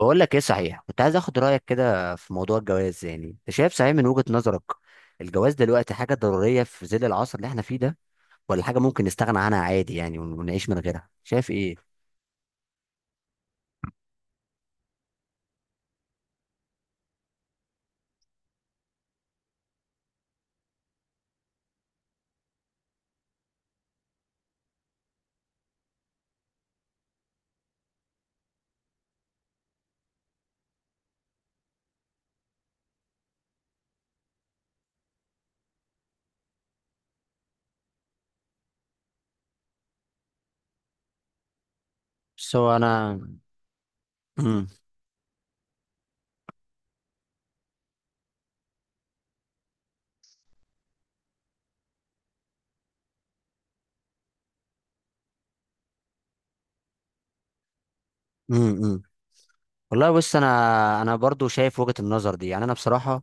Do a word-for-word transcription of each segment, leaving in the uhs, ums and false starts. بقول لك ايه، صحيح كنت عايز اخد رايك كده في موضوع الجواز. يعني انت شايف صحيح من وجهة نظرك، الجواز دلوقتي حاجه ضروريه في ظل العصر اللي احنا فيه ده، ولا حاجه ممكن نستغنى عنها عادي؟ يعني ون- ونعيش من غيرها، شايف ايه؟ بس هو انا. امم. امم. والله بص، انا انا برضو شايف وجهة النظر دي. يعني انا بصراحه،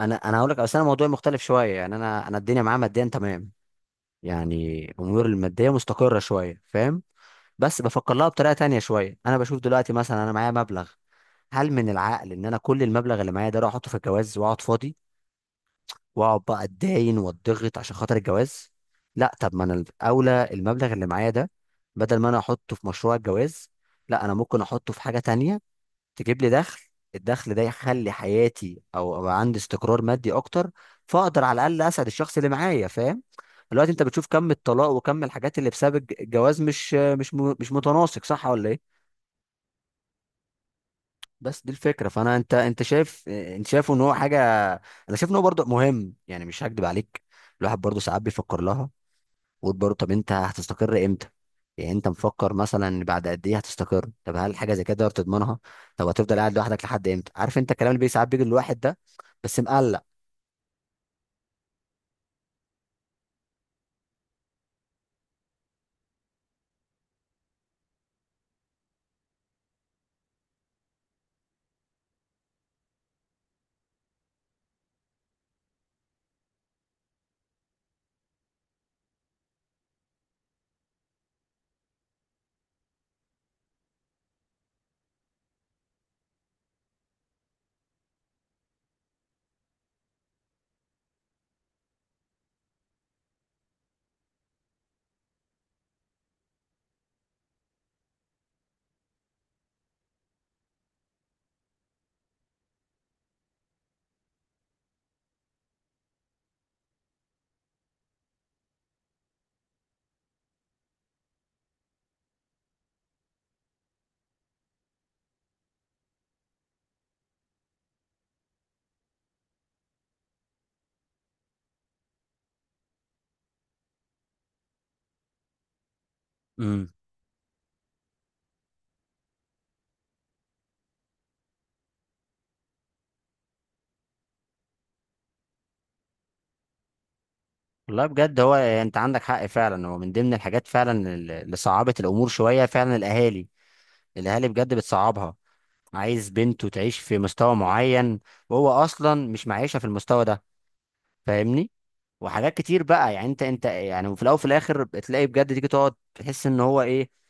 انا انا هقول لك، بس انا موضوعي مختلف شويه. يعني انا انا الدنيا معايا ماديا تمام، يعني اموري الماديه مستقره شويه، فاهم؟ بس بفكر لها بطريقه تانية شويه. انا بشوف دلوقتي مثلا انا معايا مبلغ، هل من العقل ان انا كل المبلغ اللي معايا ده اروح احطه في الجواز واقعد فاضي؟ واقعد بقى اتداين واتضغط عشان خاطر الجواز؟ لا، طب ما انا الاولى المبلغ اللي معايا ده، بدل ما انا احطه في مشروع الجواز، لا انا ممكن احطه في حاجه تانية تجيب لي دخل. الدخل ده يخلي حياتي، او أبقى عندي استقرار مادي اكتر، فاقدر على الاقل اسعد الشخص اللي معايا، فاهم؟ دلوقتي انت بتشوف كم الطلاق وكم الحاجات اللي بسبب الج- الجواز، مش مش م- مش متناسق، صح ولا ايه؟ بس دي الفكره. فانا انت انت شايف، انت شايفه ان هو حاجه، انا شايف ان هو برضه مهم. يعني مش هكدب عليك، الواحد برضه ساعات بيفكر لها ويقول برضه، طب انت هتستقر امتى؟ يعني انت مفكر مثلا إن بعد قد ايه هتستقر؟ طب هل حاجه زي كده تقدر تضمنها؟ طب هتفضل قاعد لوحدك لحد امتى؟ عارف انت الكلام اللي بي- ساعات بيجي للواحد ده، بس مقلق. امم. والله بجد هو انت عندك حق فعلا. هو من ضمن الحاجات فعلا اللي صعبت الامور شويه فعلا الاهالي. الاهالي بجد بتصعبها، عايز بنته تعيش في مستوى معين وهو اصلا مش معيشها في المستوى ده، فاهمني؟ وحاجات كتير بقى. يعني انت انت يعني، وفي الاول وفي الاخر بتلاقي بجد تيجي تقعد تحس ان هو ايه،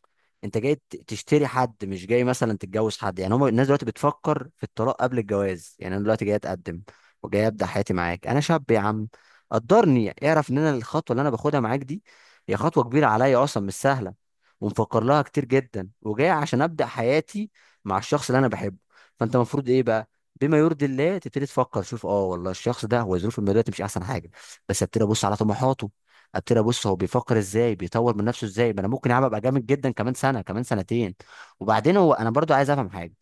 انت جاي ت- تشتري حد، مش جاي مثلا تتجوز حد. يعني هم الناس دلوقتي بتفكر في الطلاق قبل الجواز. يعني انا دلوقتي جاي اتقدم وجاي ابدا حياتي معاك، انا شاب يا عم. قدرني اعرف ان انا الخطوه اللي انا باخدها معاك دي هي خطوه كبيره عليا اصلا، مش سهله ومفكر لها كتير جدا، وجاي عشان ابدا حياتي مع الشخص اللي انا بحبه. فانت المفروض ايه بقى؟ بما يرضي الله تبتدي تفكر، شوف اه والله الشخص ده هو ظروفه الماديه دلوقتي مش احسن حاجه، بس ابتدي ابص على طموحاته. قلت له بص هو بيفكر ازاي، بيطور من نفسه ازاي، ما انا ممكن يا عم ابقى جامد جدا كمان سنه كمان سنتين. وبعدين هو انا برضو عايز افهم حاجه،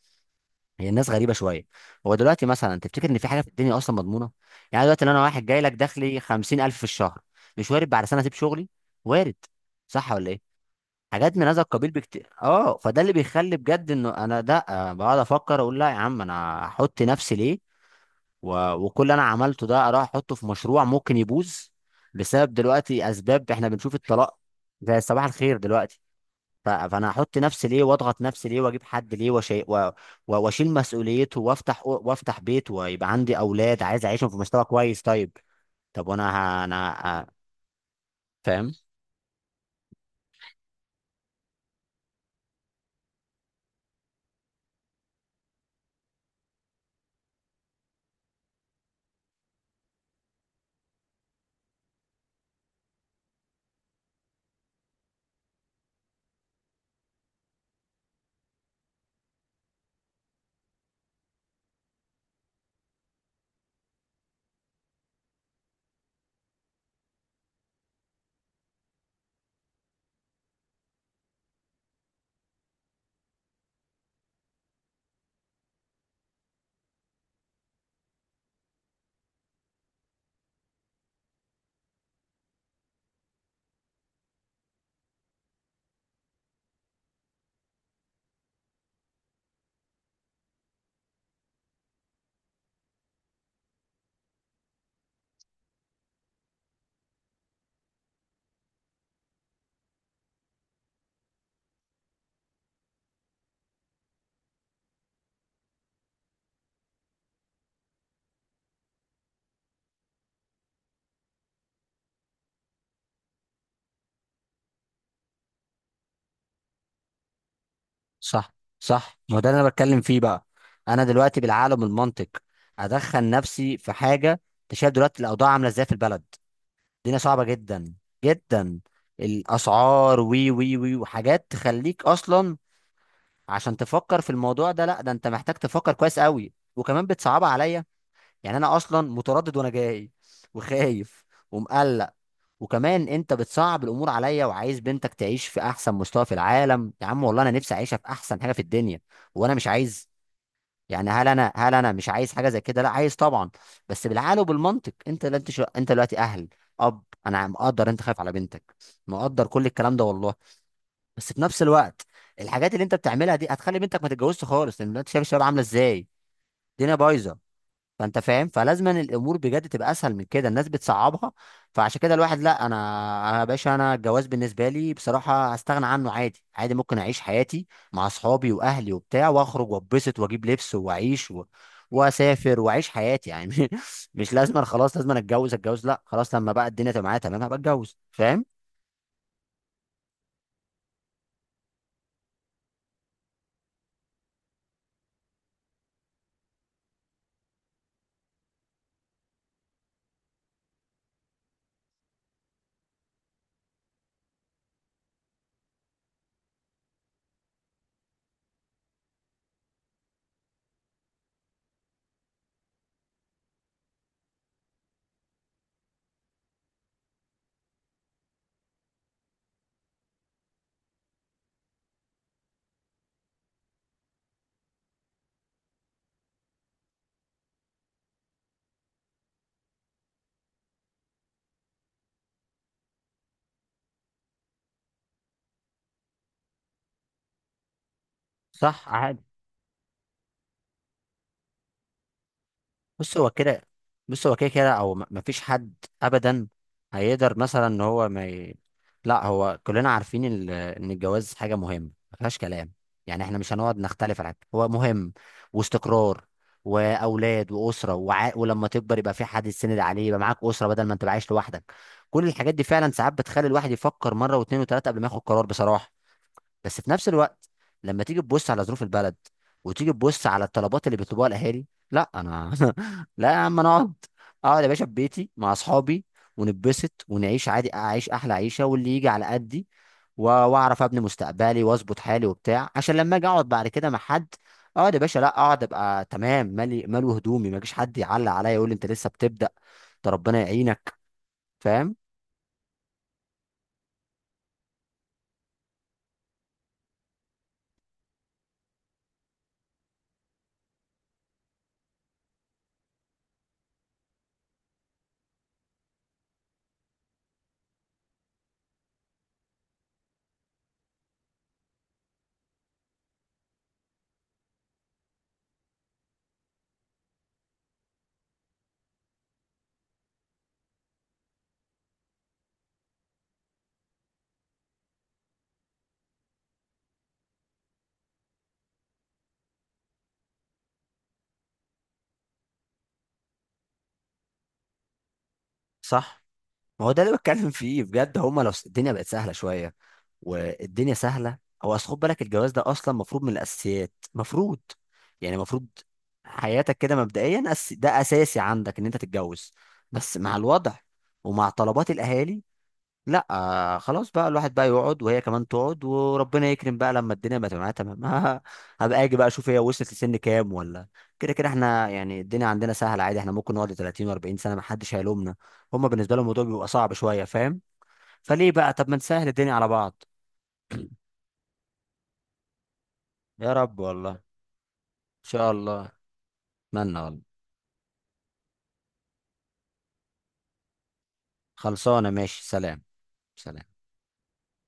هي الناس غريبه شويه. هو دلوقتي مثلا تفتكر ان في حاجه في الدنيا اصلا مضمونه؟ يعني دلوقتي لو انا واحد جاي لك دخلي خمسين الف في الشهر، مش وارد بعد سنه اسيب شغلي؟ وارد. صح ولا ايه؟ حاجات من هذا القبيل بكتير. اه، فده اللي بيخلي بجد انه انا ده آه، بقعد افكر اقول لا يا عم، انا احط نفسي ليه و... وكل اللي انا عملته ده اروح احطه في مشروع ممكن يبوظ، بسبب دلوقتي اسباب احنا بنشوف الطلاق زي صباح الخير دلوقتي. ف... فانا احط نفسي ليه واضغط نفسي ليه واجيب حد ليه وشي... و... و... واشيل مسؤوليته، وافتح وافتح بيت ويبقى عندي اولاد عايز اعيشهم في مستوى كويس. طيب، طب وانا ه... انا ه... فاهم. صح. صح، ما هو ده اللي انا بتكلم فيه بقى. انا دلوقتي بالعقل وبالمنطق ادخل نفسي في حاجه، انت شايف دلوقتي الاوضاع عامله ازاي في البلد، الدنيا صعبة جدا. جدا. الأسعار، وي وي وي، وحاجات تخليك أصلا عشان تفكر في الموضوع ده، لا ده أنت محتاج تفكر كويس قوي، وكمان بتصعبها عليا. يعني أنا أصلا متردد وأنا جاي وخايف ومقلق، وكمان أنت بتصعب الأمور عليا، وعايز بنتك تعيش في أحسن مستوى في العالم. يا عم والله أنا نفسي أعيشها في أحسن حاجة في الدنيا، وأنا مش عايز، يعني هل انا هل انا مش عايز حاجه زي كده؟ لا، عايز طبعا. بس بالعقل وبالمنطق، انت لا انت شو... انت دلوقتي اهل، اب، انا مقدر انت خايف على بنتك، مقدر كل الكلام ده والله. بس في نفس الوقت، الحاجات اللي انت بتعملها دي هتخلي بنتك ما تتجوزش خالص، لان انت شايف الشباب عامله ازاي، الدنيا بايظه. فانت فاهم، فلازم أن الامور بجد تبقى اسهل من كده، الناس بتصعبها. فعشان كده الواحد، لا انا. انا يا باشا، انا الجواز بالنسبه لي بصراحه هستغنى عنه عادي عادي، ممكن اعيش حياتي مع اصحابي واهلي وبتاع واخرج واتبسط واجيب لبس واعيش و... واسافر واعيش حياتي. يعني مش لازم أنا خلاص، لازم أنا اتجوز اتجوز. لا خلاص، لما بقى الدنيا تبقى معايا تمام هبقى اتجوز، فاهم؟ صح عادي. بص هو كده. بص هو كده كده او ما فيش حد ابدا هيقدر مثلا ان هو ما ي... لا، هو كلنا عارفين ال- ان الجواز حاجه مهمه ما فيهاش كلام. يعني احنا مش هنقعد نختلف على حاجه، هو مهم واستقرار واولاد واسره، وع... ولما تكبر يبقى في حد يسند عليه، يبقى معاك اسره بدل ما انت عايش لوحدك. كل الحاجات دي فعلا ساعات بتخلي الواحد يفكر مره واثنين وثلاثه قبل ما ياخد قرار بصراحه. بس في نفس الوقت، لما تيجي تبص على ظروف البلد وتيجي تبص على الطلبات اللي بيطلبوها الاهالي، لا انا لا يا عم، انا اقعد. اقعد يا باشا في بيتي مع اصحابي، ونتبسط ونعيش عادي، اعيش احلى عيشه واللي يجي على قدي، و- واعرف ابني مستقبلي واظبط حالي وبتاع، عشان لما اجي اقعد بعد كده مع حد، اقعد يا باشا، لا اقعد ابقى تمام، مالي مالو، هدومي ما يجيش حد يعلق عليا يقول لي انت لسه بتبدا، ده ربنا يعينك، فاهم؟ صح، ما هو ده اللي بتكلم فيه بجد. هما لو الدنيا بقت سهله شويه، والدنيا سهله. هو اصل خد بالك، الجواز ده اصلا مفروض من الاساسيات، مفروض. يعني مفروض حياتك كده مبدئيا، أس... ده اساسي عندك ان انت تتجوز. بس مع الوضع ومع طلبات الاهالي، لا آه خلاص بقى الواحد بقى يقعد وهي كمان تقعد وربنا يكرم بقى لما الدنيا بقى تبقى معاها تمام ها- هبقى اجي بقى اشوف هي وصلت لسن كام ولا. كده كده احنا يعني الدنيا عندنا سهله عادي، احنا ممكن نقعد تلاتين و40 سنه ما حدش هيلومنا. هما بالنسبه لهم الموضوع بيبقى صعب شويه، فاهم؟ فليه بقى، طب ما نسهل الدنيا على بعض. يا رب، والله ان شاء الله. اتمنى والله. خلصانه، ماشي، سلام. سلام.